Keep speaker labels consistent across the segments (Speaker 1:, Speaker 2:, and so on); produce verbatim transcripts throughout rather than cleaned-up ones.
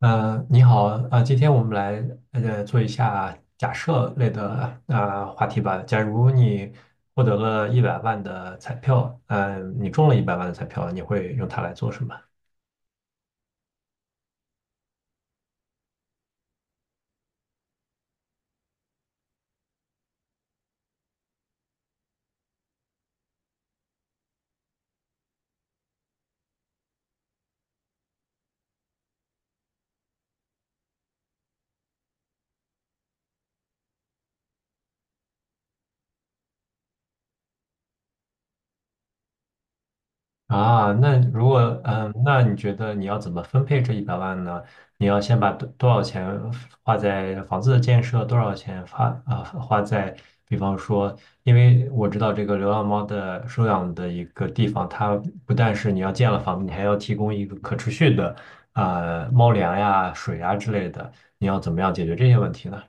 Speaker 1: 呃，你好。呃，今天我们来呃做一下假设类的呃话题吧。假如你获得了一百万的彩票，呃，你中了一百万的彩票，你会用它来做什么？啊，那如果嗯，那你觉得你要怎么分配这一百万呢？你要先把多多少钱花在房子的建设，多少钱花啊、花在，比方说，因为我知道这个流浪猫的收养的一个地方，它不但是你要建了房子，你还要提供一个可持续的啊、呃猫粮呀、水呀之类的，你要怎么样解决这些问题呢？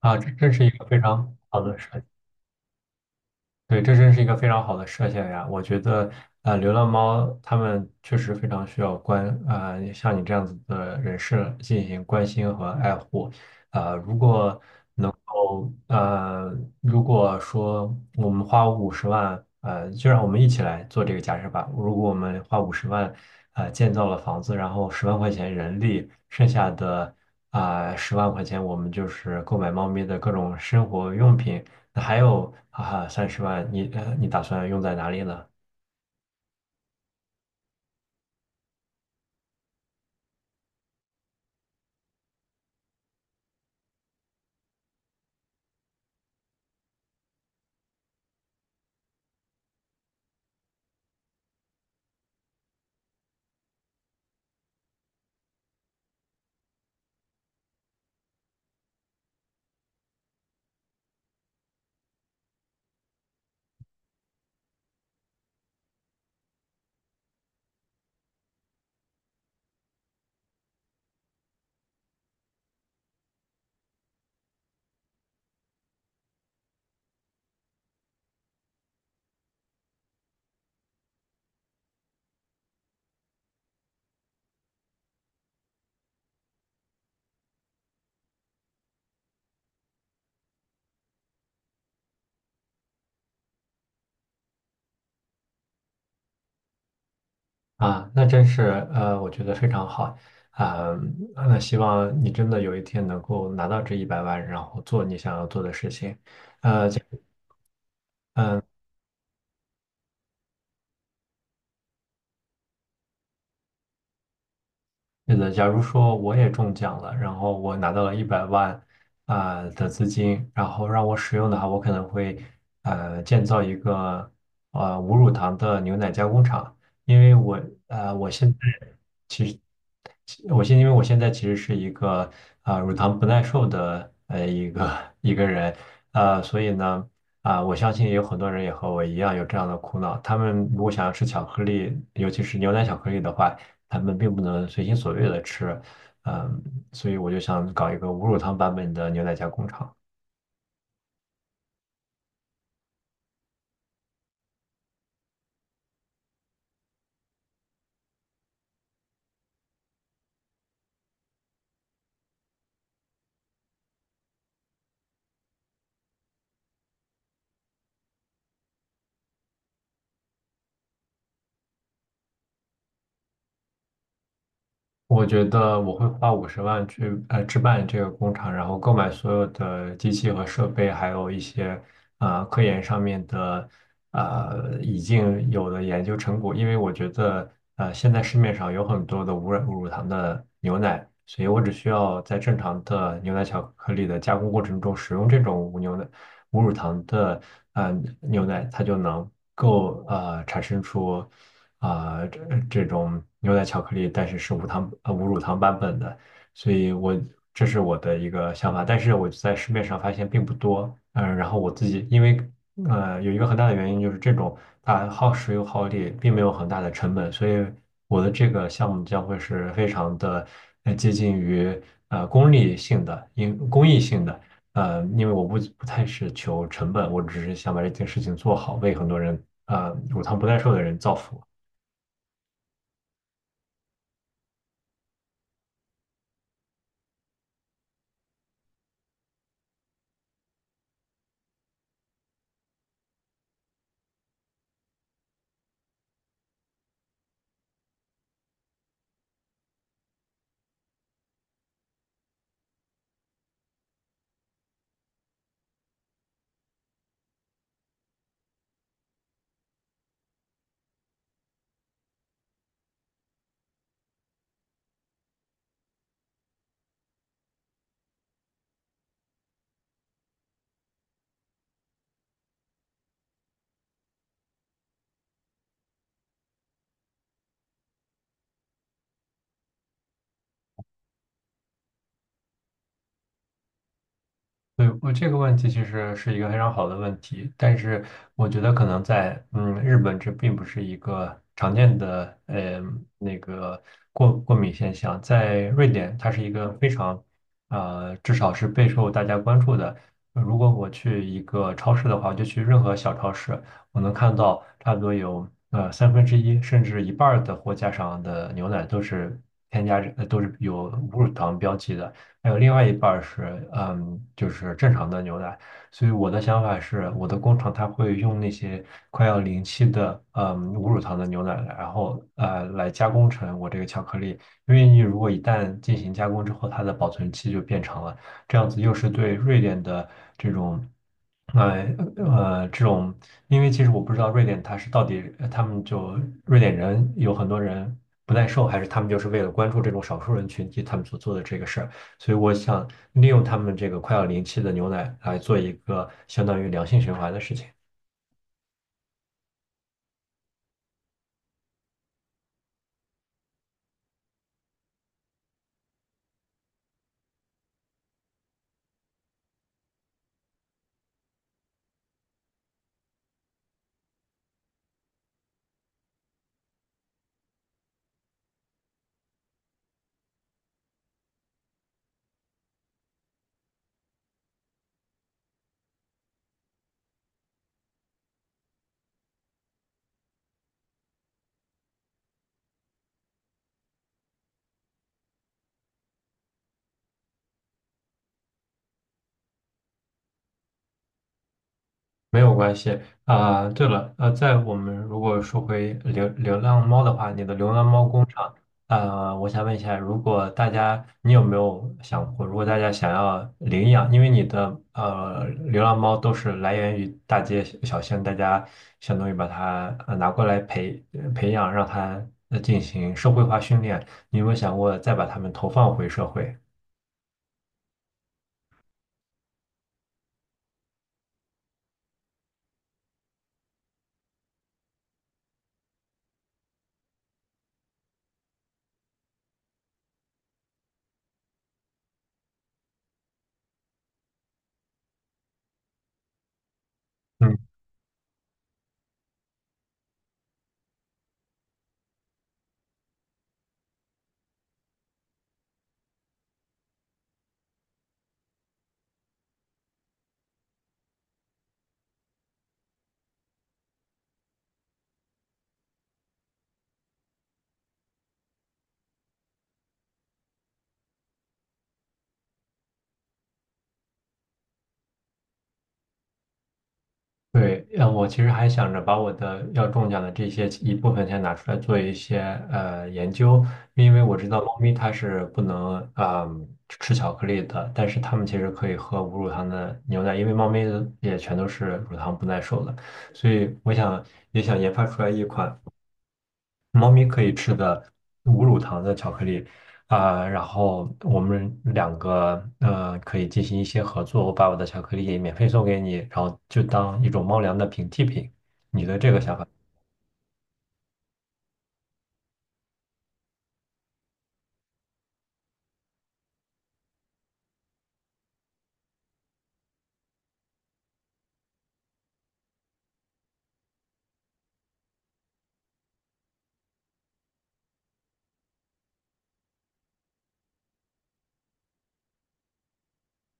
Speaker 1: 啊，这真是一个非常好的事。对，这真是一个非常好的设想呀！我觉得，啊，流浪猫它们确实非常需要关，啊，像你这样子的人士进行关心和爱护。啊。如果后呃，如果说我们花五十万，呃，就让我们一起来做这个假设吧。如果我们花五十万，呃，建造了房子，然后十万块钱人力，剩下的啊十万块钱，我们就是购买猫咪的各种生活用品。那还有啊三十万，你呃你打算用在哪里呢？啊，那真是呃，我觉得非常好啊，那希望你真的有一天能够拿到这一百万，然后做你想要做的事情。呃，对的，假如说我也中奖了，然后我拿到了一百万啊、呃的资金，然后让我使用的话，我可能会呃建造一个呃无乳糖的牛奶加工厂，因为我呃我现在我现因为我现在其实是一个啊、呃乳糖不耐受的呃一个 一个人，呃，所以呢啊、我相信也有很多人也和我一样有这样的苦恼。他们如果想要吃巧克力，尤其是牛奶巧克力的话，他们并不能随心所欲的吃。嗯、所以我就想搞一个无乳糖版本的牛奶加工厂。我觉得我会花五十万去呃置办这个工厂，然后购买所有的机器和设备，还有一些呃科研上面的呃已经有的研究成果。因为我觉得呃现在市面上有很多的无染无乳糖的牛奶，所以我只需要在正常的牛奶巧克力的加工过程中使用这种无牛奶无乳糖的嗯牛奶，它就能够呃产生出。啊、这这种牛奶巧克力，但是是无糖呃无乳糖版本的，所以我这是我的一个想法，但是我在市面上发现并不多。嗯、然后我自己因为呃有一个很大的原因就是这种它耗时又耗力，并没有很大的成本，所以我的这个项目将会是非常的呃接近于呃功利性的，因公益性的。呃，因为我不不太是求成本，我只是想把这件事情做好，为很多人，呃，乳糖不耐受的人造福。对，我这个问题其实是一个非常好的问题，但是我觉得可能在嗯日本这并不是一个常见的呃那个过过敏现象，在瑞典它是一个非常呃至少是备受大家关注的。呃如果我去一个超市的话，就去任何小超市，我能看到差不多有呃三分之一甚至一半儿的货架上的牛奶都是添加着呃都是有无乳糖标记的。还有另外一半儿是，嗯，就是正常的牛奶。所以我的想法是，我的工厂它会用那些快要临期的，嗯，无乳糖的牛奶，然后呃来加工成我这个巧克力。因为你如果一旦进行加工之后，它的保存期就变长了，这样子又是对瑞典的这种。呃呃，这种，因为其实我不知道瑞典它是到底呃他们就瑞典人有很多人不耐受，还是他们就是为了关注这种少数人群体，他们所做的这个事儿。所以我想利用他们这个快要临期的牛奶来做一个相当于良性循环的事情。没有关系啊，对了，呃，在我们如果说回流流浪猫的话，你的流浪猫工厂，呃，我想问一下，如果大家，你有没有想过，如果大家想要领养，因为你的呃流浪猫都是来源于大街小小巷，大家相当于把它呃拿过来培呃培养，让它呃进行社会化训练，你有没有想过再把它们投放回社会？嗯。对，呃，我其实还想着把我的要中奖的这些一部分钱拿出来做一些呃研究，因为我知道猫咪它是不能啊、吃巧克力的，但是它们其实可以喝无乳糖的牛奶，因为猫咪也全都是乳糖不耐受的，所以我想也想研发出来一款。猫咪可以吃的无乳糖的巧克力。啊、然后我们两个呃可以进行一些合作，我把我的巧克力免费送给你，然后就当一种猫粮的平替品。你的这个想法？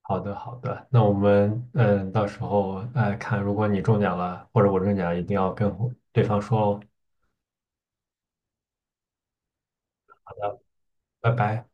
Speaker 1: 好的，好的，那我们嗯，到时候呃看，如果你中奖了，或者我中奖了，一定要跟对方说哦。拜拜。